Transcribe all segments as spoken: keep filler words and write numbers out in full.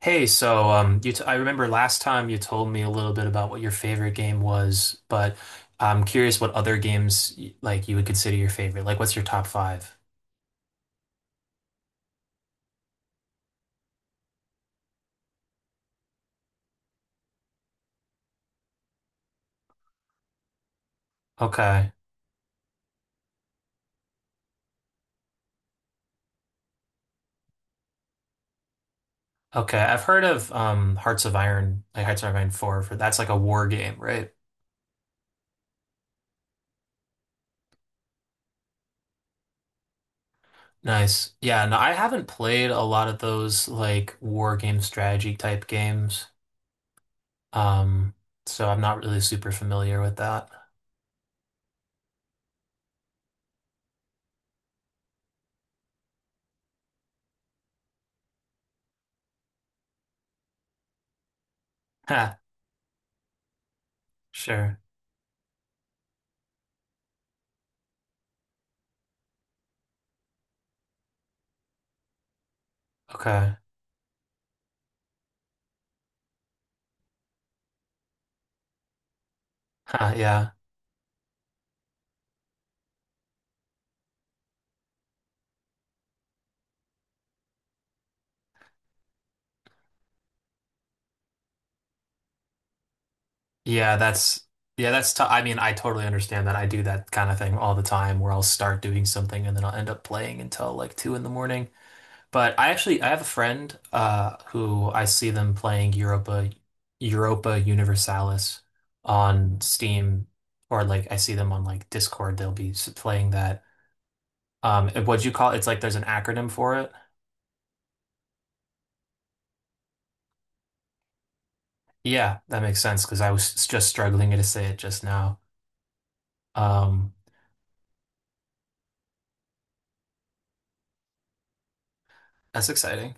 Hey, so um, you t I remember last time you told me a little bit about what your favorite game was, but I'm curious what other games y- like you would consider your favorite. Like, what's your top five? Okay, okay. I've heard of um, Hearts of Iron, like Hearts of Iron four, for that's like a war game, right? Nice. Yeah, no, I haven't played a lot of those like war game strategy type games, um, so I'm not really super familiar with that. Ha, sure. Okay. Huh, yeah. Yeah, that's yeah, that's t I mean, I totally understand that. I do that kind of thing all the time where I'll start doing something and then I'll end up playing until like two in the morning. But I actually I have a friend uh who I see them playing Europa Europa Universalis on Steam, or like I see them on like Discord they'll be s- playing that. Um, and what'd you call it? It's like there's an acronym for it. Yeah, that makes sense because I was just struggling to say it just now. Um, that's exciting.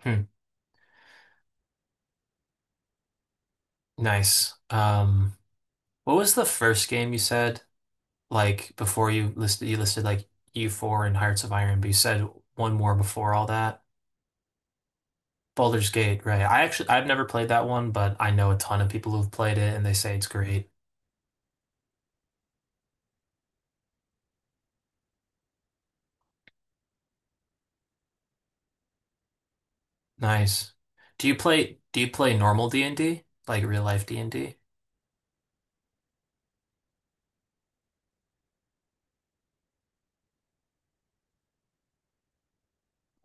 Hmm, nice. Um, what was the first game you said? Like before you listed you listed like U four and Hearts of Iron, but you said one more before all that. Baldur's Gate, right? I actually I've never played that one, but I know a ton of people who've played it and they say it's great. Nice. Do you play do you play normal D and D? Like real life D and D?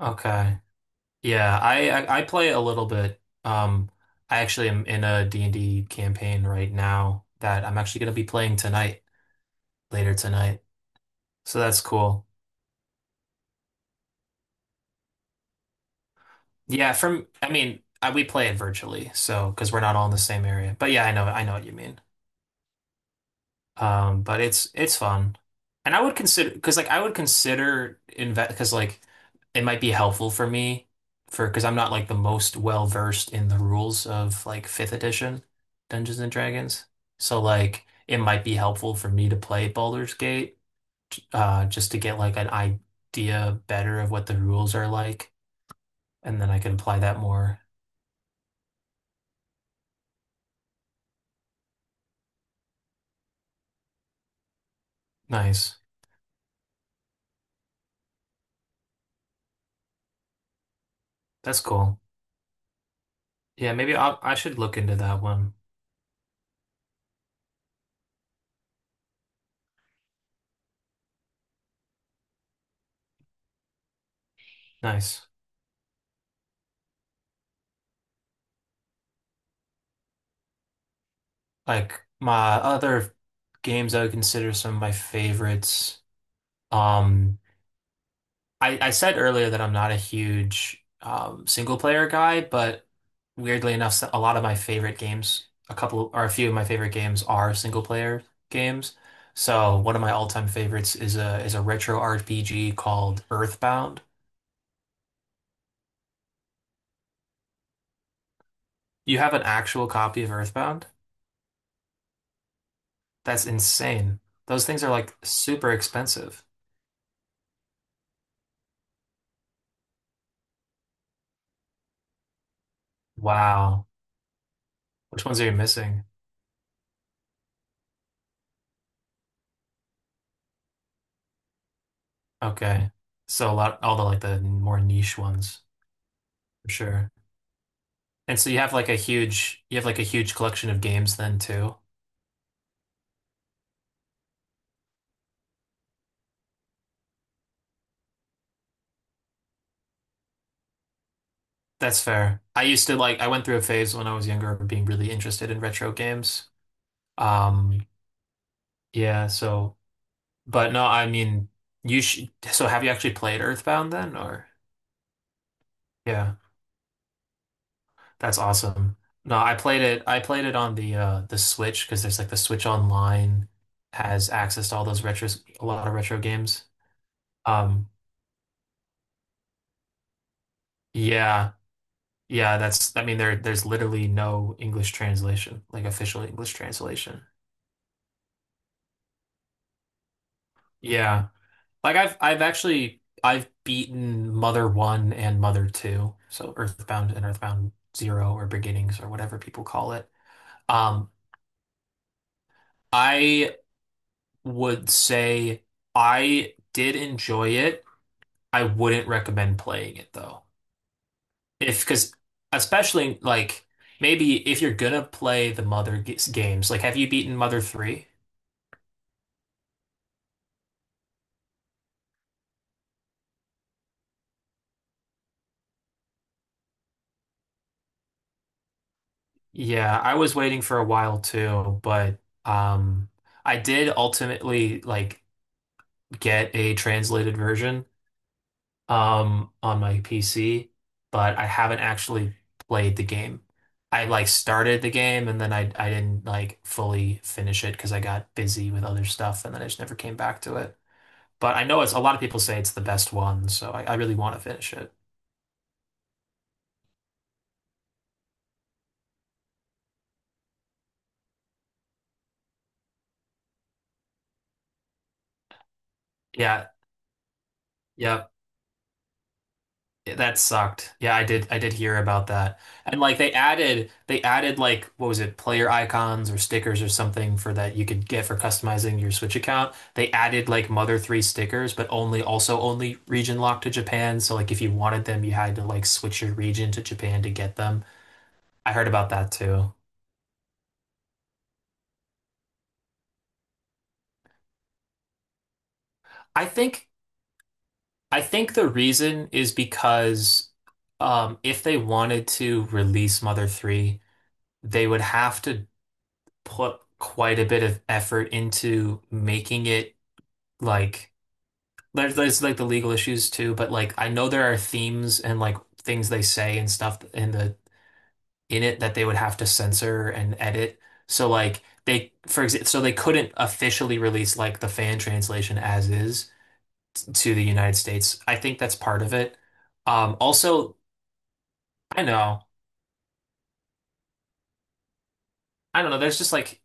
Okay. Yeah, I, I I play a little bit. Um, I actually am in a D and d campaign right now that I'm actually going to be playing tonight, later tonight. So that's cool. Yeah, from I mean, I, we play it virtually, so because we're not all in the same area. But yeah, I know I know what you mean. Um, but it's it's fun, and I would consider, because like I would consider invest, because like it might be helpful for me, for because I'm not like the most well versed in the rules of like fifth edition Dungeons and Dragons. So like it might be helpful for me to play Baldur's Gate, uh, just to get like an idea better of what the rules are like, and then I could apply that more. Nice. That's cool. Yeah, maybe I I should look into that one. Nice. Like my other games I would consider some of my favorites. Um, I I said earlier that I'm not a huge um single player guy, but weirdly enough, a lot of my favorite games, a couple or a few of my favorite games are single player games. So one of my all-time favorites is a is a retro R P G called Earthbound. You have an actual copy of Earthbound? That's insane. Those things are like super expensive. Wow. Which ones are you missing? Okay. So a lot, all the like the more niche ones, for sure. And so you have like a huge, you have like a huge collection of games then too. That's fair. I used to like, I went through a phase when I was younger of being really interested in retro games. Um, yeah, so, but no, I mean, you should, so have you actually played Earthbound then or? Yeah. That's awesome. No, I played it. I played it on the uh the Switch because there's like the Switch Online has access to all those retros, a lot of retro games. Um, yeah, yeah. That's, I mean, there there's literally no English translation, like official English translation. Yeah, like I've I've actually I've beaten Mother One and Mother Two, so Earthbound and Earthbound Zero or Beginnings or whatever people call it. Um, I would say I did enjoy it. I wouldn't recommend playing it though. If, because especially like maybe if you're gonna play the Mother g- games, like have you beaten Mother three? Yeah, I was waiting for a while too, but um I did ultimately like get a translated version um on my P C, but I haven't actually played the game. I like started the game and then I I didn't like fully finish it because I got busy with other stuff and then I just never came back to it. But I know it's, a lot of people say it's the best one, so I, I really want to finish it. Yeah, yep. Yeah, that sucked. Yeah, I did I did hear about that. And like they added they added like what was it, player icons or stickers or something for that you could get for customizing your Switch account. They added like Mother three stickers, but only, also only region locked to Japan. So like if you wanted them, you had to like switch your region to Japan to get them. I heard about that too. I think I think the reason is because um, if they wanted to release Mother three, they would have to put quite a bit of effort into making it, like there's, there's like the legal issues too, but like I know there are themes and like things they say and stuff in the in it that they would have to censor and edit. So like they, for example, so they couldn't officially release like the fan translation as is to the United States. I think that's part of it. Um, also, I know. I don't know. There's just like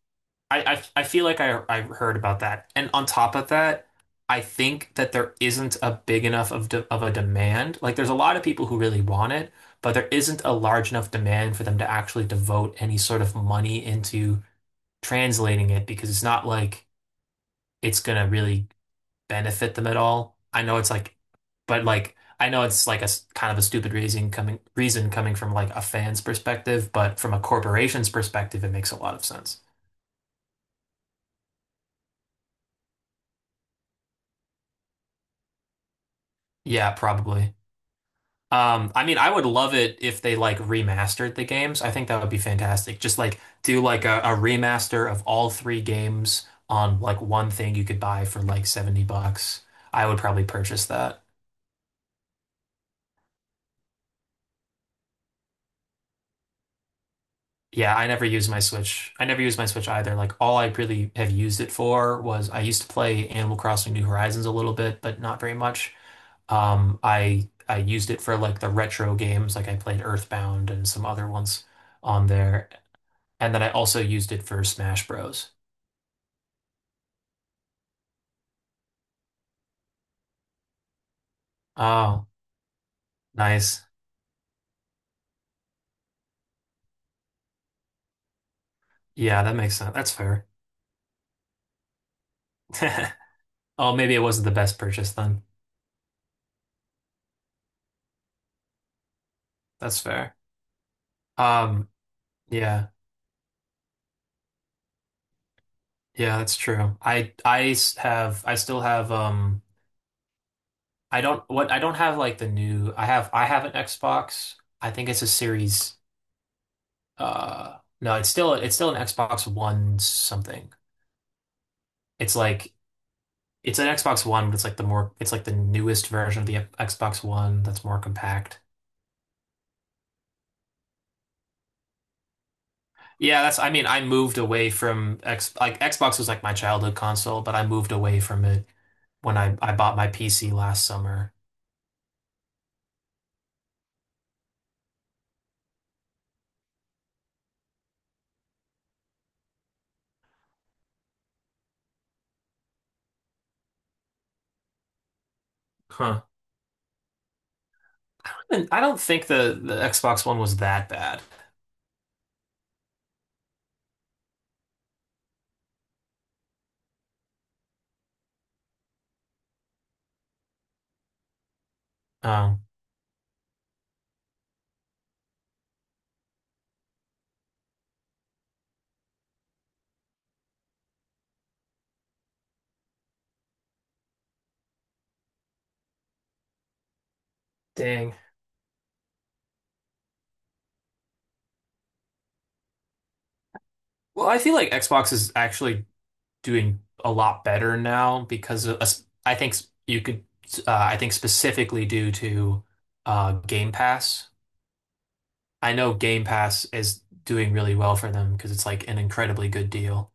I, I I feel like I I heard about that. And on top of that, I think that there isn't a big enough of de of a demand. Like there's a lot of people who really want it, but there isn't a large enough demand for them to actually devote any sort of money into translating it because it's not like it's gonna really benefit them at all. I know it's like, but like I know it's like a s- kind of a stupid reason coming reason coming from like a fan's perspective, but from a corporation's perspective, it makes a lot of sense. Yeah, probably. Um, I mean, I would love it if they like remastered the games. I think that would be fantastic. Just like do like a, a remaster of all three games on like one thing you could buy for like seventy bucks. I would probably purchase that. Yeah, I never use my Switch. I never use my Switch either. Like all I really have used it for was I used to play Animal Crossing New Horizons a little bit, but not very much. Um, I I used it for like the retro games, like I played Earthbound and some other ones on there. And then I also used it for Smash Bros. Oh, nice. Yeah, that makes sense. That's fair. Oh, maybe it wasn't the best purchase then. That's fair. Um, yeah. Yeah, that's true. I I s- have I still have um I don't what I don't have like the new I have I have an Xbox. I think it's a series uh, no, it's still it's still an Xbox One something. It's like it's an Xbox One, but it's like the more it's like the newest version of the Xbox One that's more compact. Yeah, that's, I mean, I moved away from X, like Xbox was like my childhood console, but I moved away from it when I, I bought my P C last summer. Huh. And I don't think the, the Xbox One was that bad. Um, dang. Well, I feel like Xbox is actually doing a lot better now because of, I think you could, uh, I think specifically due to uh, Game Pass. I know Game Pass is doing really well for them because it's like an incredibly good deal.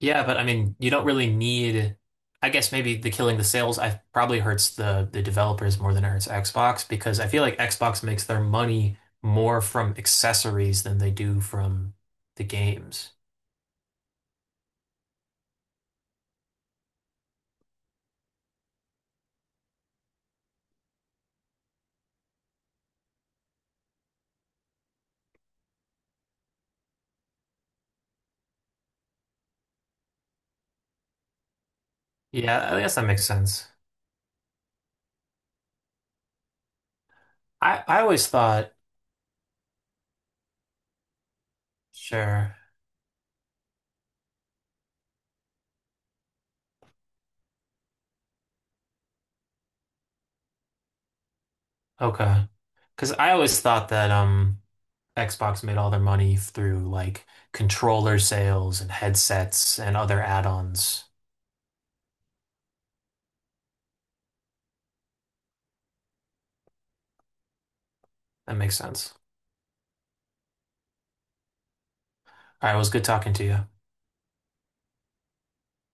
Yeah, but I mean, you don't really need. I guess maybe the killing the sales I probably hurts the the developers more than it hurts Xbox because I feel like Xbox makes their money more from accessories than they do from the games. Yeah, I guess that makes sense. I I always thought, sure, okay, because I always thought that um, Xbox made all their money through like controller sales and headsets and other add-ons. That makes sense. All right, it was good talking to you.